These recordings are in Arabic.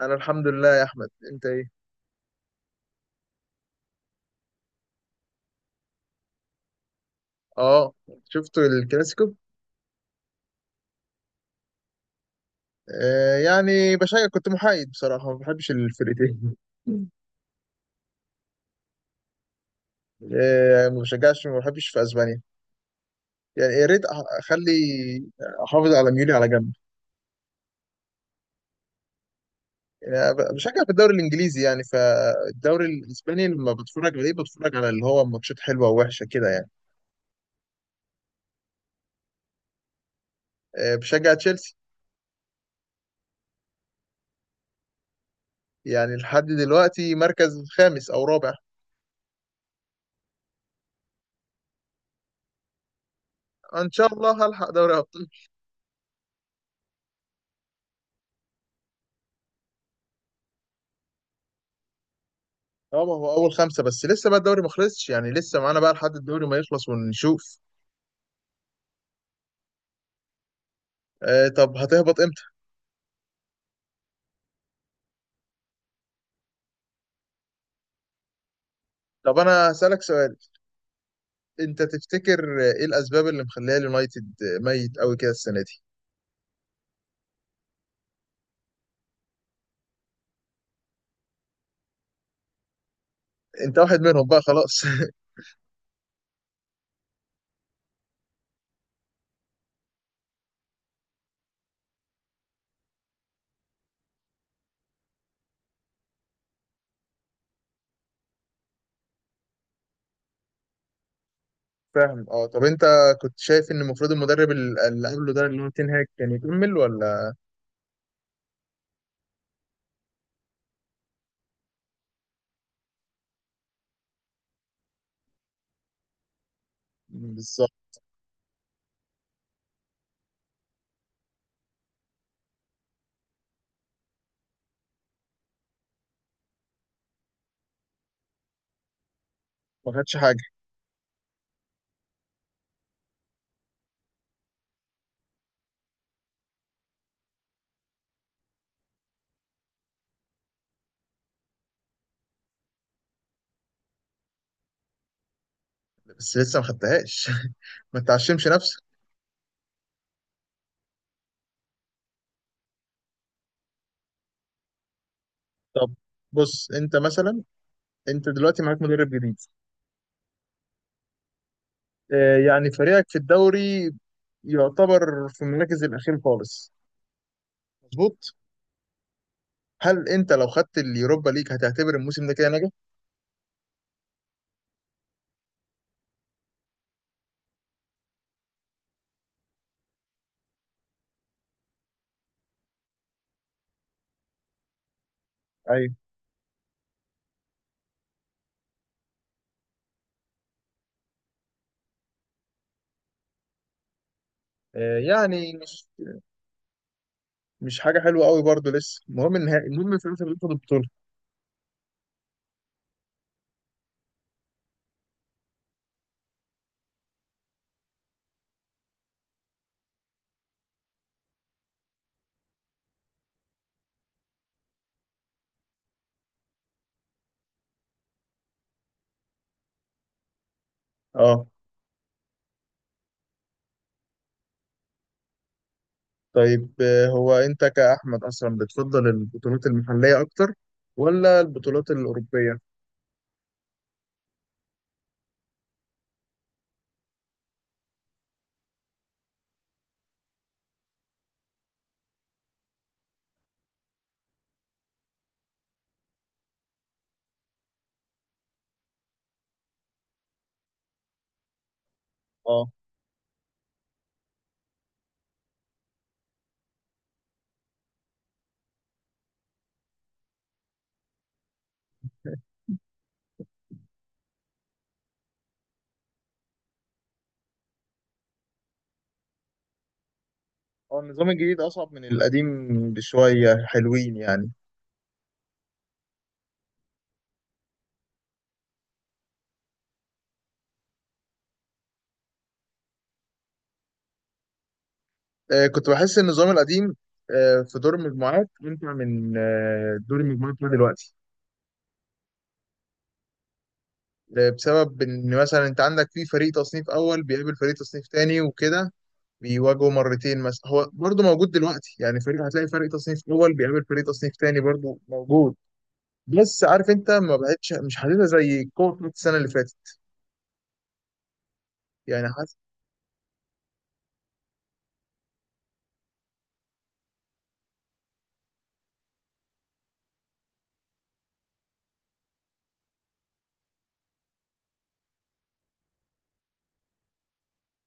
انا الحمد لله يا احمد، انت ايه؟ اه، شفت الكلاسيكو. يعني بشجع، كنت محايد بصراحه، ما بحبش الفرقتين. ما بشجعش، ما بحبش في اسبانيا. يعني يا ريت اخلي، احافظ على ميولي على جنب. يعني أنا بشجع في الدوري الانجليزي، يعني فالدوري الاسباني لما بتفرج عليه بتفرج على اللي هو ماتشات حلوه ووحشه كده يعني. آه، بشجع تشيلسي. يعني لحد دلوقتي مركز خامس او رابع. ان شاء الله هلحق دوري. اه، ما هو اول خمسه، بس لسه بقى الدوري ما خلصش، يعني لسه معانا بقى لحد الدوري ما يخلص ونشوف. آه طب هتهبط امتى؟ طب انا هسألك سؤال. انت تفتكر ايه الاسباب اللي مخليه اليونايتد ميت قوي كده السنه دي؟ انت واحد منهم بقى خلاص. فاهم اه. طب انت كنت شايف ان المفروض المدرب اللي قبله ده اللي هو تين هاج كان يكمل ولا؟ بالظبط. ما خدش حاجه. بس لسه ما خدتهاش. ما تعشمش نفسك. طب بص انت مثلا، انت دلوقتي معاك مدرب جديد. يعني فريقك في الدوري يعتبر في المراكز الأخير خالص. مظبوط. هل أنت لو خدت اليوروبا ليج هتعتبر الموسم ده كده ناجح؟ أيوه. يعني مش حاجة حلوة قوي برضو، لسه المهم النهائي، المهم في الآخر بتاخد البطولة. أه. طيب، هو أنت كأحمد أصلا بتفضل البطولات المحلية أكتر ولا البطولات الأوروبية؟ أه. هو النظام الجديد أصعب من القديم بشوية، حلوين يعني. كنت بحس ان النظام القديم في دور المجموعات امتع من دور المجموعات بتاع دلوقتي. بسبب ان مثلا انت عندك في فريق تصنيف اول بيقابل فريق تصنيف تاني وكده، بيواجهوا مرتين. مثلا هو برضه موجود دلوقتي، يعني فريق هتلاقي فريق تصنيف اول بيقابل فريق تصنيف تاني برضه موجود. بس عارف انت ما بقتش، مش حاسسها زي القوه بتاعت السنه اللي فاتت يعني حاسس.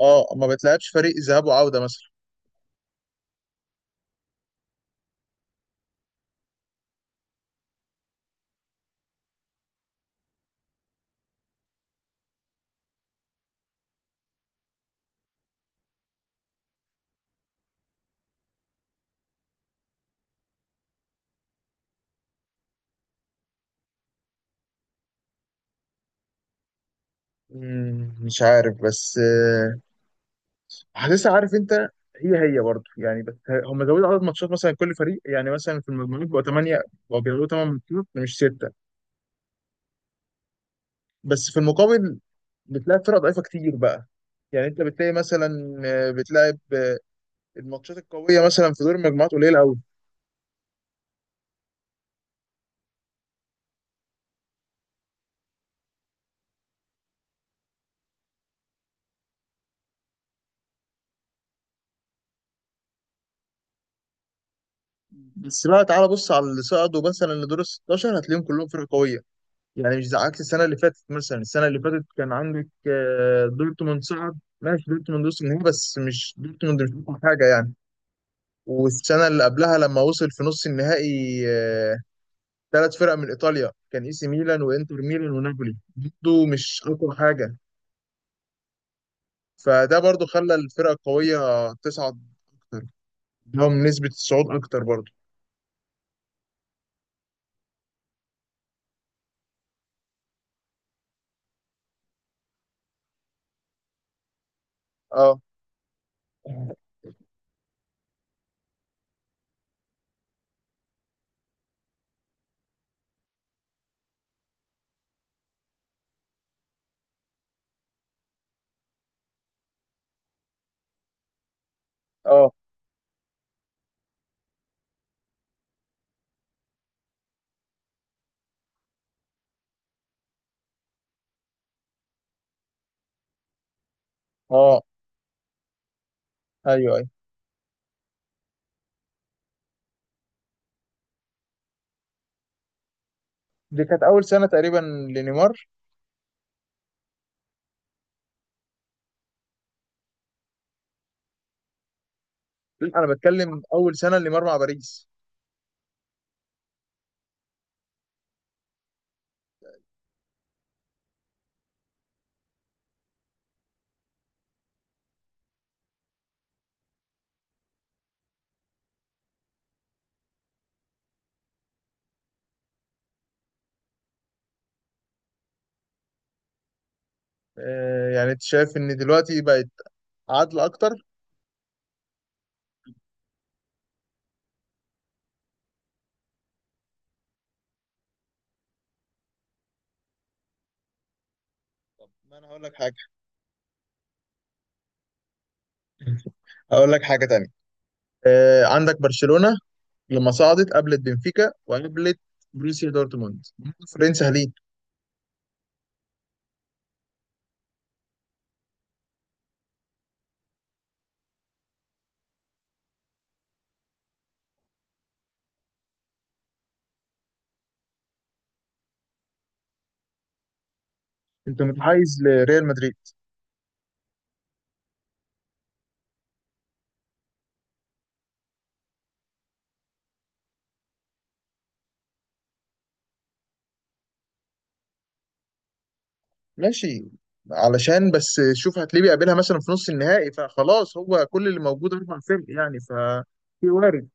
اه، ما بتلعبش فريق ذهاب وعوده مثلا. مش عارف بس، حاسسها عارف انت، هي هي برضه يعني. بس هم زودوا عدد ماتشات مثلا كل فريق، يعني مثلا في المجموعات بقوا 8، بقوا بيلعبوا 8 ماتشات مش 6. بس في المقابل بتلاقي فرق ضعيفة كتير بقى. يعني انت بتلاقي مثلا، بتلاعب، الماتشات القوية مثلا في دور المجموعات قليلة قوي. بس بقى تعالى بص على اللي صعدوا مثلا لدور ال 16 هتلاقيهم كلهم فرق قوية. يعني مش زي عكس السنة اللي فاتت، مثلا السنة اللي فاتت كان عندك دورتموند صعد، ماشي دورتموند وصل النهائي، بس مش دورتموند مش أقوى حاجة يعني. والسنة اللي قبلها لما وصل في نص النهائي ثلاث فرق من إيطاليا كان إيسي ميلان وإنتر ميلان ونابولي، برضه مش أقوى حاجة. فده برضه خلى الفرقة القوية تصعد أكتر، لهم نسبة الصعود أكتر برضه. اه. اه. اه. ايوه ايوه. دي كانت أول سنة تقريبا لنيمار. لا، أنا بتكلم أول سنة لنيمار مع باريس. يعني أنت شايف إن دلوقتي بقت عادلة أكتر. طب ما أنا هقول لك حاجة، هقول لك حاجة تانية. عندك برشلونة لما صعدت قابلت بنفيكا وقابلت بروسيا دورتموند، فرنسا ليه. انت متحيز لريال مدريد. ماشي، علشان بس شوف هتلاقيه بيقابلها مثلا في نص النهائي، فخلاص هو كل اللي موجود اربع فرق يعني، ف في وارد.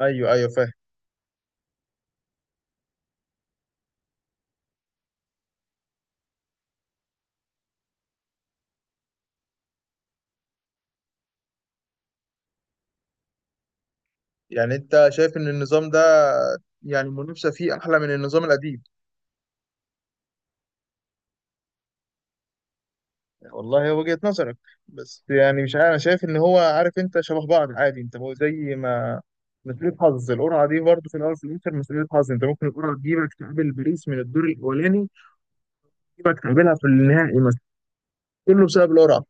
ايوه ايوه فاهم. يعني انت شايف ان النظام ده، يعني المنافسه فيه احلى من النظام القديم. والله هي وجهة نظرك، بس يعني مش عارف، انا شايف ان هو، عارف انت، شبه بعض عادي، انت هو زي ما، مسؤولية حظ القرعة دي برضه في الاول وفي الاخر مسؤولية حظ. انت ممكن القرعة تجيبك تقابل باريس من الدور الاولاني، تجيبك تقابلها في النهائي مثلا، كله بسبب القرعة.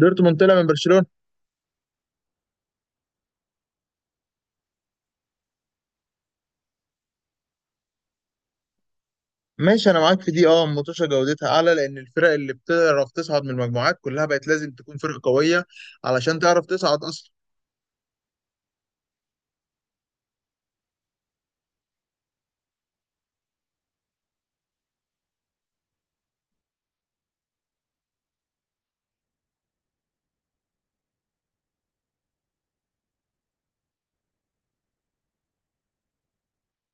دورتموند طلع من برشلونة. ماشي، انا معاك في دي. اه الماتشة جودتها اعلى، لان الفرق اللي بتعرف تصعد من المجموعات كلها بقت لازم تكون فرق قوية علشان تعرف تصعد اصلا.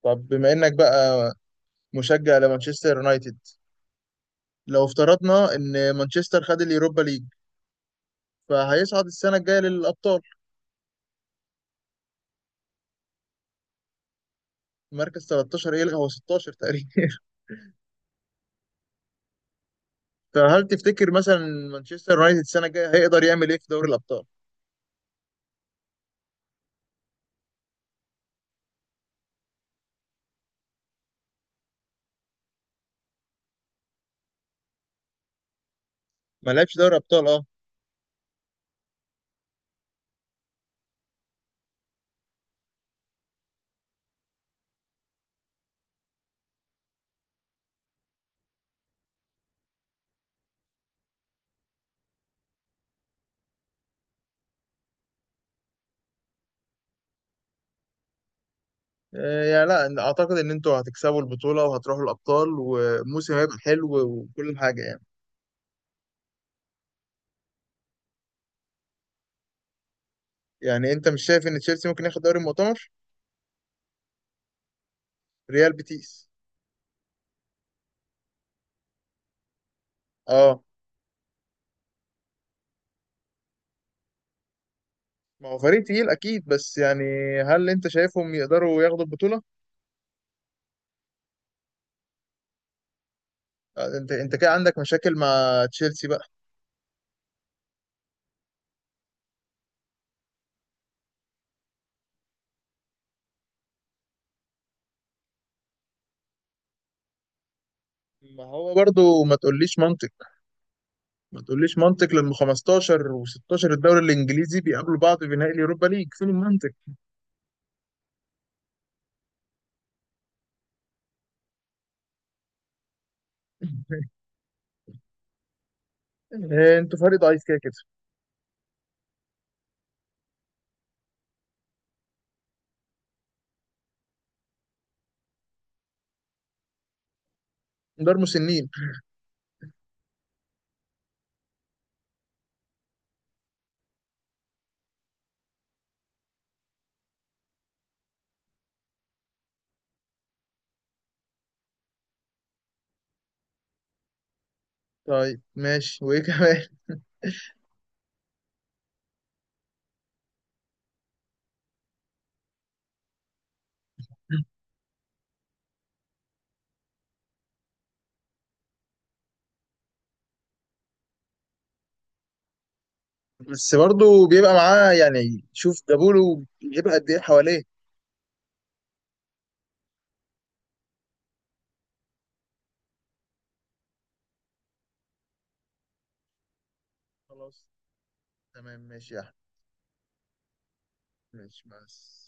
طب بما انك بقى مشجع لمانشستر يونايتد، لو افترضنا ان مانشستر خد اليوروبا ليج فهيصعد السنة الجاية للأبطال. مركز 13 يلغى، هو 16 تقريبا. فهل تفتكر مثلا مانشستر يونايتد السنة الجاية هيقدر يعمل إيه في دوري الأبطال؟ ما لعبش دوري أبطال أه. يعني لا، أعتقد إن أنتوا هتكسبوا البطولة وهتروحوا الأبطال والموسم هيبقى حلو وكل حاجة يعني. يعني أنت مش شايف إن تشيلسي ممكن ياخد دوري المؤتمر؟ ريال بيتيس. أه. ما هو فريق تقيل أكيد، بس يعني هل أنت شايفهم يقدروا ياخدوا البطولة؟ أنت كده عندك مشاكل مع تشيلسي بقى. ما هو برضو ما تقوليش منطق، ما تقوليش منطق لما 15 و16 الدوري الانجليزي بيقابلوا بعض في نهائي اليوروبا ليج، فين المنطق؟ انتوا فريق ضعيف كده كده. دار مسنين. طيب ماشي، وايه كمان؟ بس برضه بيبقى معاه يعني، شوف جابوله بيبقى قد ايه حواليه. خلاص. تمام ماشي يا احمد. ماشي بس.